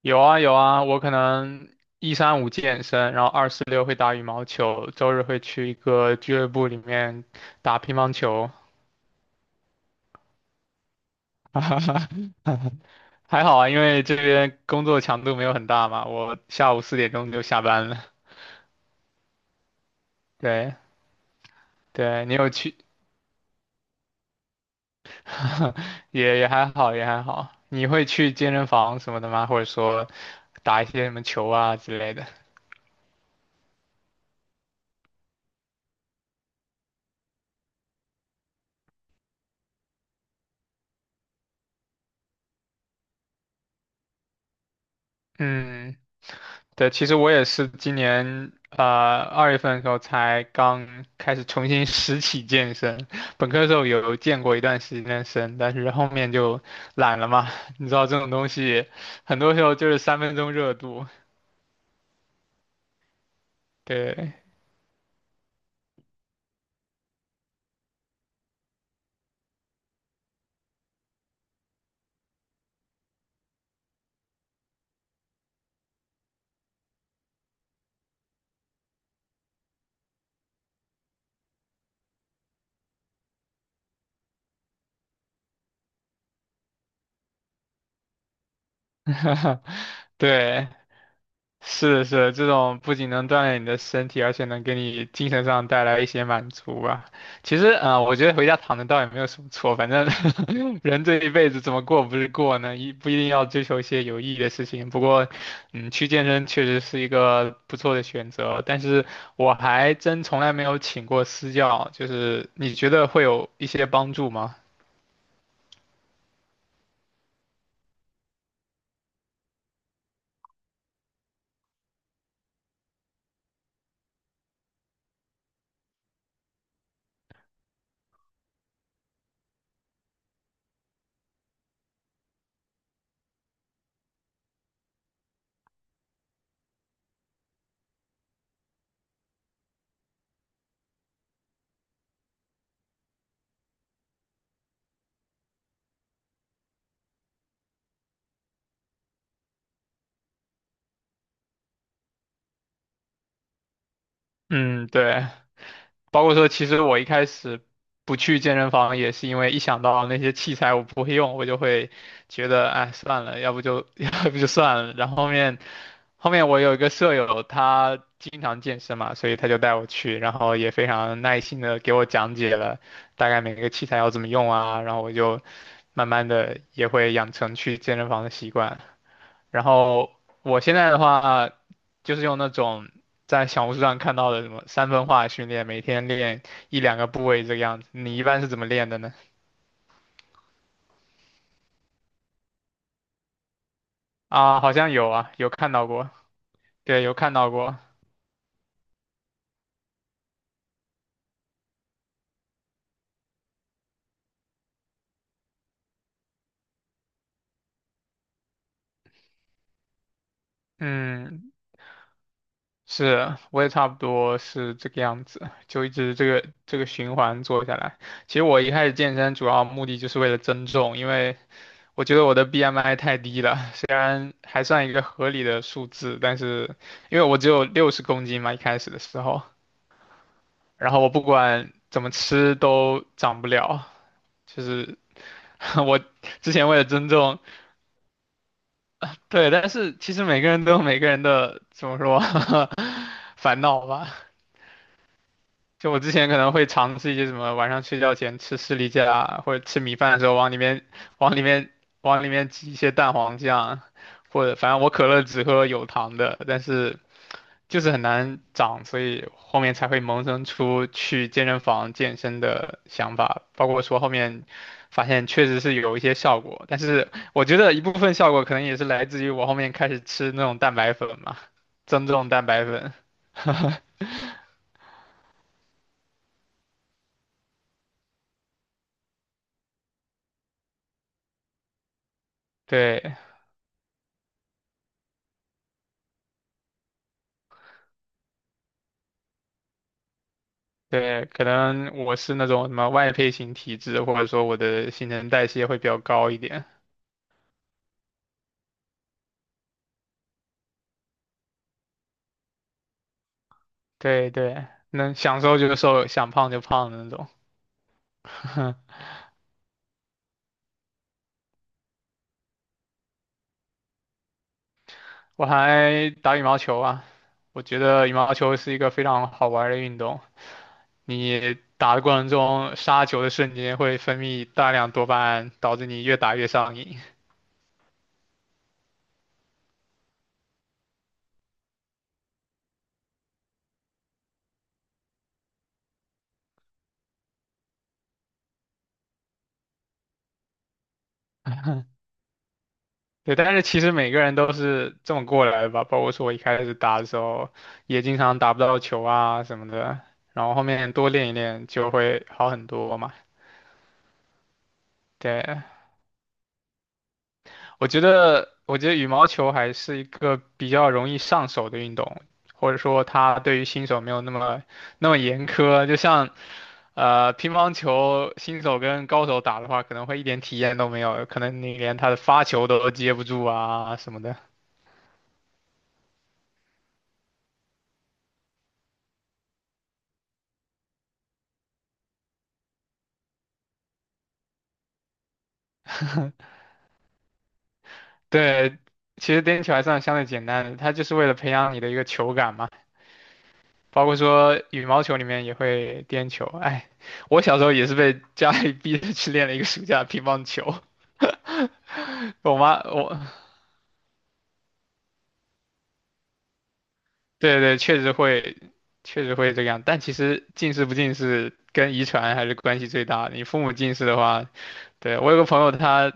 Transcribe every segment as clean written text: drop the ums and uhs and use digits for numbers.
有啊有啊，我可能1、3、5健身，然后2、4、6会打羽毛球，周日会去一个俱乐部里面打乒乓球。还好啊，因为这边工作强度没有很大嘛，我下午4点钟就下班了。对对，你有去，也还好也还好。你会去健身房什么的吗？或者说打一些什么球啊之类的？嗯。对，其实我也是今年啊2月份的时候才刚开始重新 拾起健身，本科的时候有健过一段时间的身，但是后面就懒了嘛。你知道这种东西，很多时候就是3分钟热度。对，对，是是，这种不仅能锻炼你的身体，而且能给你精神上带来一些满足吧。其实，啊，我觉得回家躺着倒也没有什么错，反正 人这一辈子怎么过不是过呢？一不一定要追求一些有意义的事情。不过，嗯，去健身确实是一个不错的选择。但是，我还真从来没有请过私教，就是你觉得会有一些帮助吗？嗯，对。包括说，其实我一开始不去健身房，也是因为一想到那些器材我不会用，我就会觉得，哎，算了，要不就 要不就算了。然后后面我有一个舍友，他经常健身嘛，所以他就带我去，然后也非常耐心的给我讲解了大概每个器材要怎么用啊，然后我就慢慢的也会养成去健身房的习惯。然后我现在的话，就是用那种在小红书上看到的什么3分化训练，每天练1、2个部位这个样子。你一般是怎么练的呢？啊，好像有啊，有看到过，对，有看到过。嗯，是，我也差不多是这个样子，就一直这个循环做下来。其实我一开始健身主要目的就是为了增重，因为我觉得我的 BMI 太低了，虽然还算一个合理的数字，但是因为我只有60公斤嘛，一开始的时候，然后我不管怎么吃都长不了，就是 我之前为了增重，对，但是其实每个人都有每个人的怎么说 烦恼吧，就我之前可能会尝试一些什么晚上睡觉前吃士力架啊，或者吃米饭的时候往里面往里面挤一些蛋黄酱，或者反正我可乐只喝有糖的，但是就是很难长，所以后面才会萌生出去健身房健身的想法，包括说后面发现确实是有一些效果，但是我觉得一部分效果可能也是来自于我后面开始吃那种蛋白粉嘛，增重蛋白粉，对。对，可能我是那种什么外配型体质，或者说我的新陈代谢会比较高一点。对对，能想瘦就瘦，想胖就胖的那种。我还打羽毛球啊，我觉得羽毛球是一个非常好玩儿的运动。你打的过程中，杀球的瞬间会分泌大量多巴胺，导致你越打越上瘾。对，但是其实每个人都是这么过来的吧，包括说我一开始打的时候，也经常打不到球啊什么的，然后后面多练一练就会好很多嘛。对，我觉得，我觉得羽毛球还是一个比较容易上手的运动，或者说它对于新手没有那么严苛，就像乒乓球新手跟高手打的话，可能会一点体验都没有，可能你连他的发球都接不住啊什么的。对，其实颠球还算相对简单的，它就是为了培养你的一个球感嘛。包括说羽毛球里面也会颠球，哎，我小时候也是被家里逼着去练了1个暑假乒乓球。我妈，我，对对，确实会，确实会这个样。但其实近视不近视跟遗传还是关系最大的。你父母近视的话，对，我有个朋友他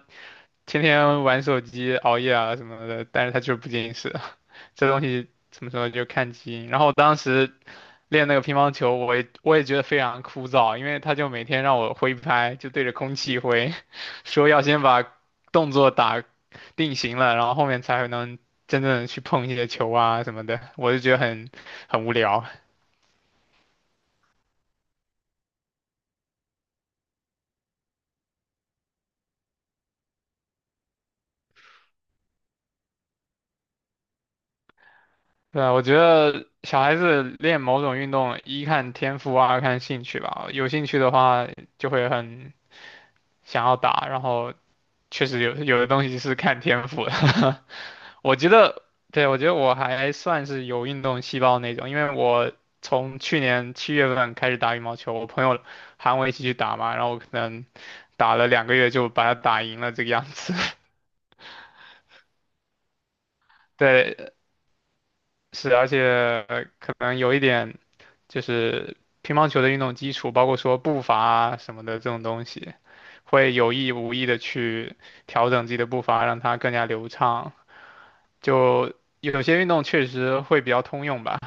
天天玩手机、熬夜啊什么的，但是他就是不近视，这东西怎么说就看基因。然后我当时。练那个乒乓球，我也觉得非常枯燥，因为他就每天让我挥拍，就对着空气挥，说要先把动作打定型了，然后后面才能真正地去碰一些球啊什么的，我就觉得很无聊。对啊，我觉得小孩子练某种运动，一看天赋，二看兴趣吧。有兴趣的话，就会很想要打，然后确实有的东西是看天赋的。我觉得，对，我觉得我还算是有运动细胞那种，因为我从去年7月份开始打羽毛球，我朋友喊我一起去打嘛，然后我可能打了2个月就把它打赢了这个样子。对，是，而且可能有一点就是乒乓球的运动基础，包括说步伐啊什么的这种东西，会有意无意的去调整自己的步伐，让它更加流畅。就有些运动确实会比较通用吧。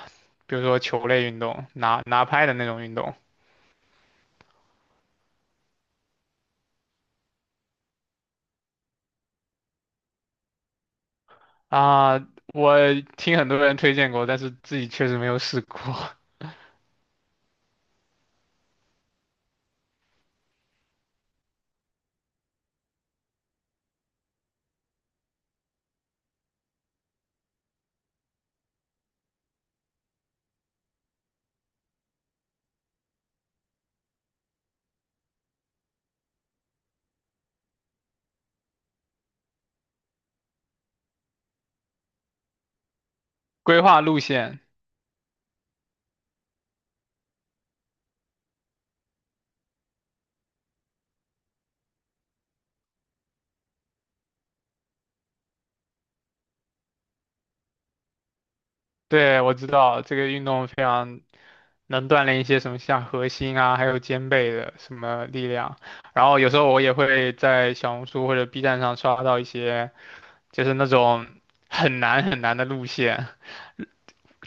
比如说球类运动，拿拍的那种运动啊，我听很多人推荐过，但是自己确实没有试过。规划路线，对，我知道这个运动非常能锻炼一些什么像核心啊，还有肩背的什么力量。然后有时候我也会在小红书或者 B 站上刷到一些，就是那种很难很难的路线，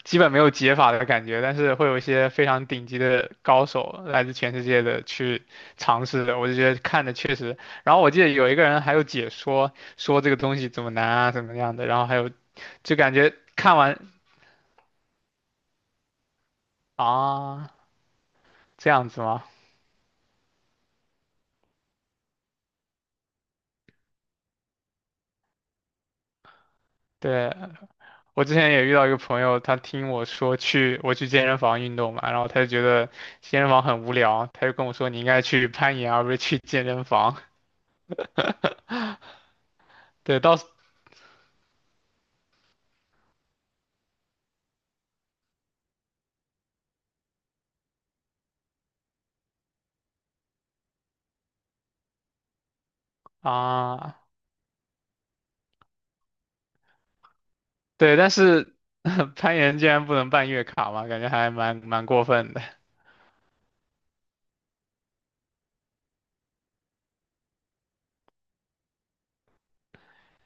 基本没有解法的感觉，但是会有一些非常顶级的高手来自全世界的去尝试的，我就觉得看的确实。然后我记得有一个人还有解说，说这个东西怎么难啊，怎么样的，然后还有就感觉看完啊这样子吗？对，我之前也遇到一个朋友，他听我说去我去健身房运动嘛，然后他就觉得健身房很无聊，他就跟我说你应该去攀岩而不是去健身房。对，到啊。对，但是 攀岩竟然不能办月卡嘛，感觉还蛮过分的。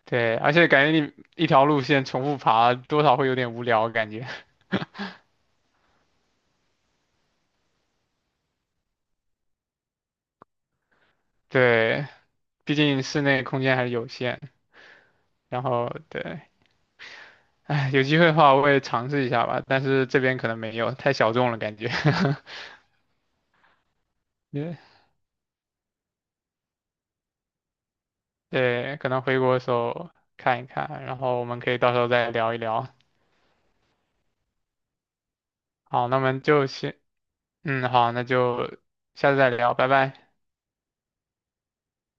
对，而且感觉你一条路线重复爬，多少会有点无聊感觉。对，毕竟室内空间还是有限。然后对，哎，有机会的话我也尝试一下吧，但是这边可能没有，太小众了感觉。对对可能回国的时候看一看，然后我们可以到时候再聊一聊。好，那我们就先，嗯，好，那就下次再聊，拜拜。